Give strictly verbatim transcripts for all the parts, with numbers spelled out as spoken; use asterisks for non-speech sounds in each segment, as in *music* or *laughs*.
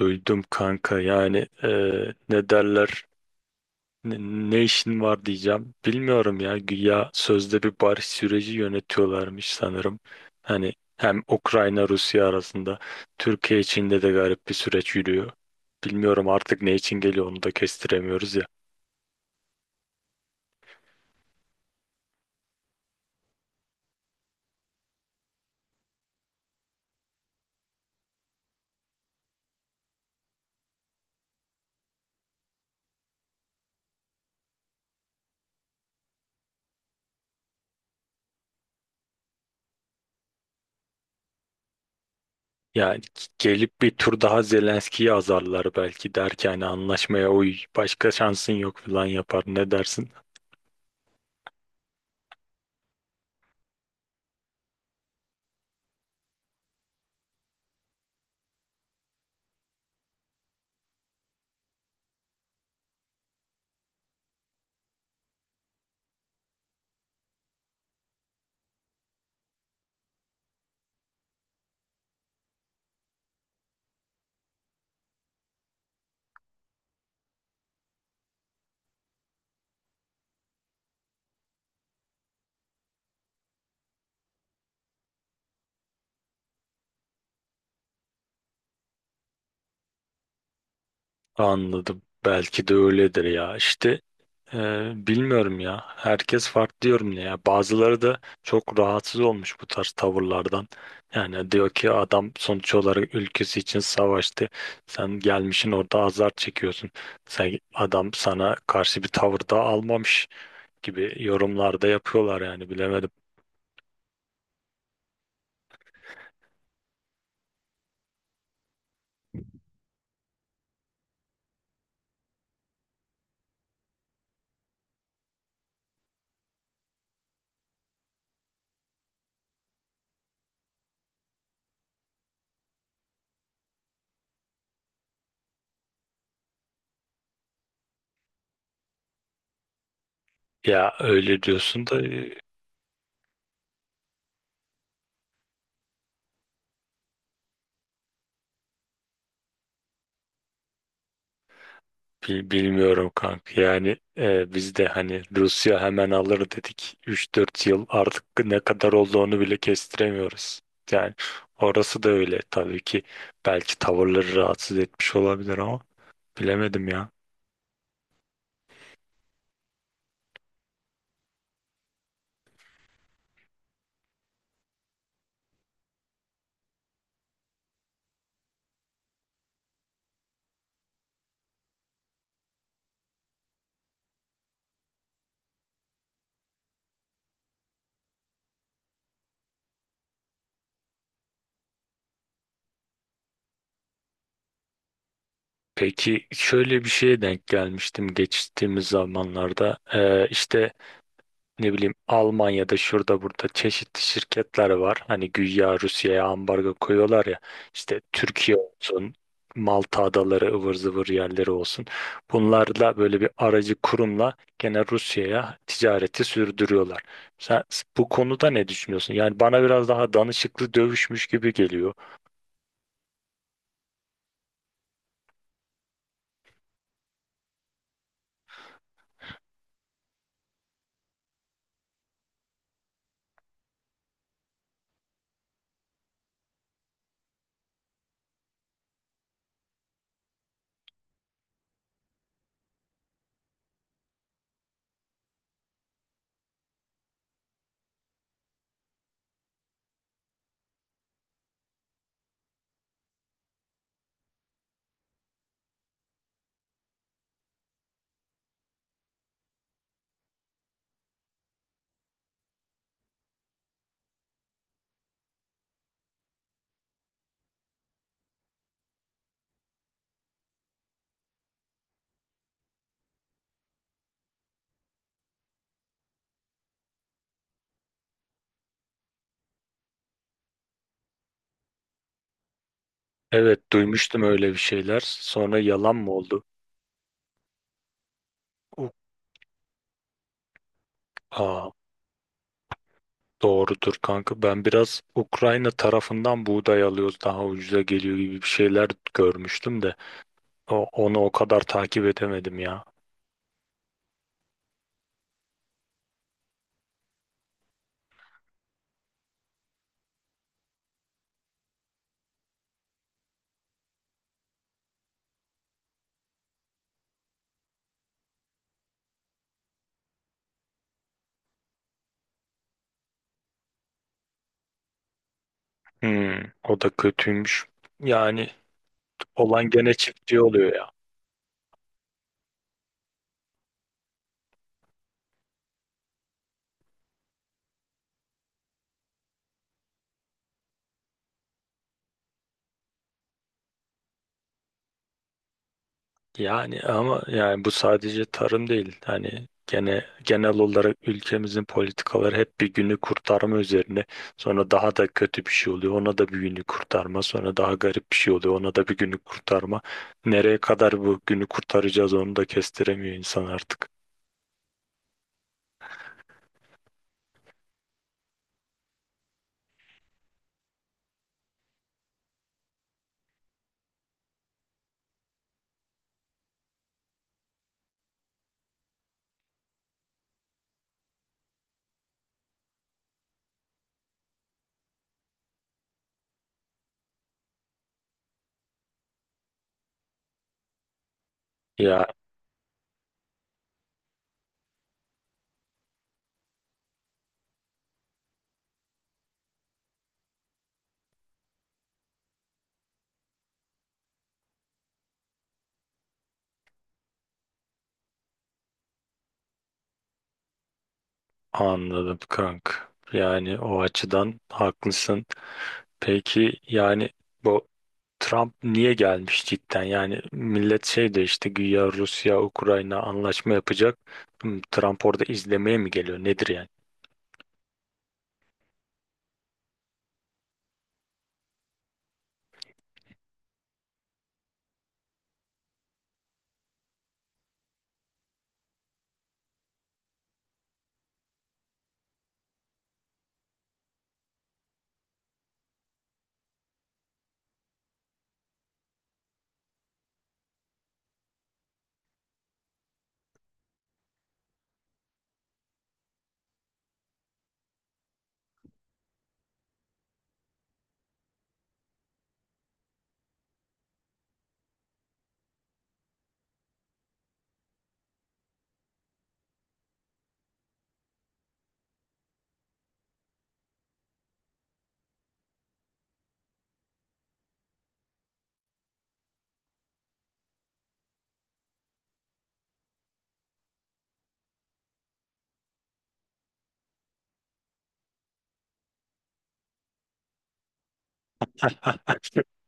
Öldüm kanka, yani eee, ne derler, ne, ne işin var diyeceğim, bilmiyorum ya. Güya sözde bir barış süreci yönetiyorlarmış sanırım, hani hem Ukrayna Rusya arasında, Türkiye içinde de garip bir süreç yürüyor. Bilmiyorum artık ne için geliyor, onu da kestiremiyoruz ya. Yani gelip bir tur daha Zelenski'yi azarlar, belki der ki hani anlaşmaya uy başka şansın yok falan yapar, ne dersin? Anladım. Belki de öyledir ya. İşte e, bilmiyorum ya. Herkes farklı diyorum ya. Bazıları da çok rahatsız olmuş bu tarz tavırlardan. Yani diyor ki adam sonuç olarak ülkesi için savaştı. Sen gelmişin orada azar çekiyorsun. Sen adam sana karşı bir tavır da almamış gibi yorumlarda yapıyorlar yani bilemedim. Ya öyle diyorsun da. Bil- Bilmiyorum kanka, yani e, biz de hani Rusya hemen alır dedik, üç dört yıl artık ne kadar olduğunu bile kestiremiyoruz. Yani orası da öyle tabii ki, belki tavırları rahatsız etmiş olabilir ama bilemedim ya. Peki, şöyle bir şeye denk gelmiştim geçtiğimiz zamanlarda. E, işte ne bileyim, Almanya'da şurada burada çeşitli şirketler var. Hani güya Rusya'ya ambargo koyuyorlar ya, işte Türkiye olsun, Malta adaları, ıvır zıvır yerleri olsun. Bunlarla, böyle bir aracı kurumla gene Rusya'ya ticareti sürdürüyorlar. Sen bu konuda ne düşünüyorsun? Yani bana biraz daha danışıklı dövüşmüş gibi geliyor. Evet, duymuştum öyle bir şeyler. Sonra yalan mı oldu? Uh, Aa, doğrudur kanka. Ben biraz Ukrayna tarafından buğday alıyoruz, daha ucuza geliyor gibi bir şeyler görmüştüm de o, onu o kadar takip edemedim ya. Hmm, o da kötüymüş. Yani olan gene çiftçi oluyor ya. Yani ama yani bu sadece tarım değil. Hani gene genel olarak ülkemizin politikaları hep bir günü kurtarma üzerine. Sonra daha da kötü bir şey oluyor. Ona da bir günü kurtarma. Sonra daha garip bir şey oluyor. Ona da bir günü kurtarma. Nereye kadar bu günü kurtaracağız, onu da kestiremiyor insan artık. Ya, anladım kank. Yani o açıdan haklısın. Peki yani bu Trump niye gelmiş cidden? Yani millet şey de, işte güya Rusya, Ukrayna anlaşma yapacak. Hmm, Trump orada izlemeye mi geliyor? Nedir yani? *laughs*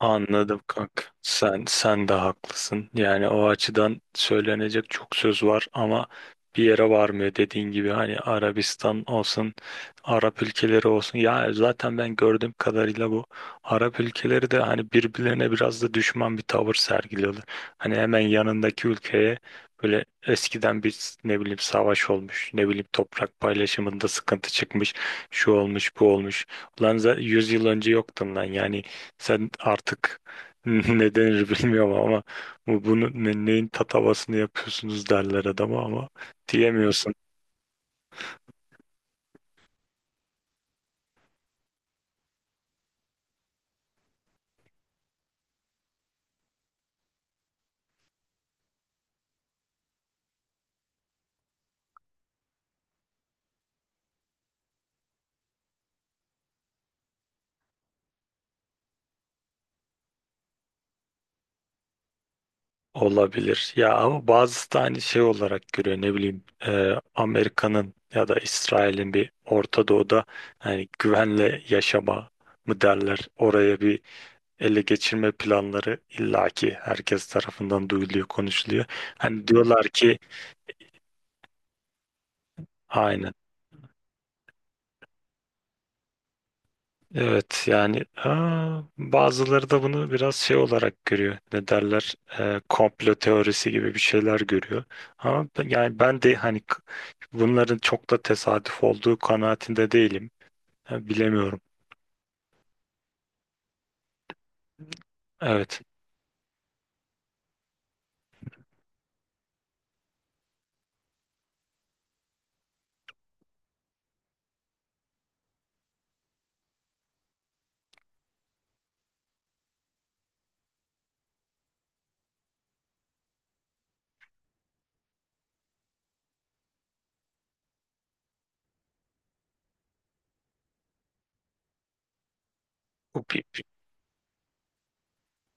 Anladım kanka. Sen sen de haklısın. Yani o açıdan söylenecek çok söz var ama bir yere varmıyor, dediğin gibi hani Arabistan olsun, Arap ülkeleri olsun. Ya zaten ben gördüğüm kadarıyla bu Arap ülkeleri de hani birbirlerine biraz da düşman bir tavır sergiliyorlar. Hani hemen yanındaki ülkeye böyle eskiden bir, ne bileyim, savaş olmuş, ne bileyim toprak paylaşımında sıkıntı çıkmış, şu olmuş, bu olmuş. Ulan za- yüz yıl önce yoktun lan, yani sen artık *laughs* ne denir bilmiyorum ama bu, bunu ne- neyin tatavasını yapıyorsunuz derler adama ama diyemiyorsun. Olabilir. Ya ama bazısı da hani şey olarak görüyor, ne bileyim e, Amerika'nın ya da İsrail'in bir Orta Doğu'da hani güvenle yaşama mı derler. Oraya bir ele geçirme planları illaki herkes tarafından duyuluyor, konuşuluyor. Hani diyorlar ki, aynen. Evet yani aa, bazıları da bunu biraz şey olarak görüyor. Ne derler? Ee, komplo teorisi gibi bir şeyler görüyor. Ama ben- yani ben de hani k- bunların çok da tesadüf olduğu kanaatinde değilim. Ha, bilemiyorum. Evet.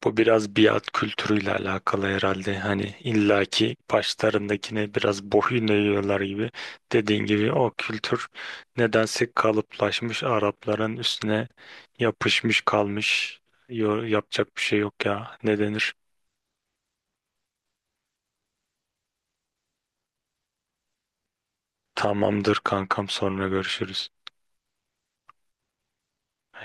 Bu biraz biat kültürüyle alakalı herhalde. Hani illaki başlarındakine biraz boyun eğiyorlar gibi. Dediğin gibi o kültür nedense kalıplaşmış, Arapların üstüne yapışmış kalmış. Yo- yapacak bir şey yok ya. Ne denir? Tamamdır kankam, sonra görüşürüz.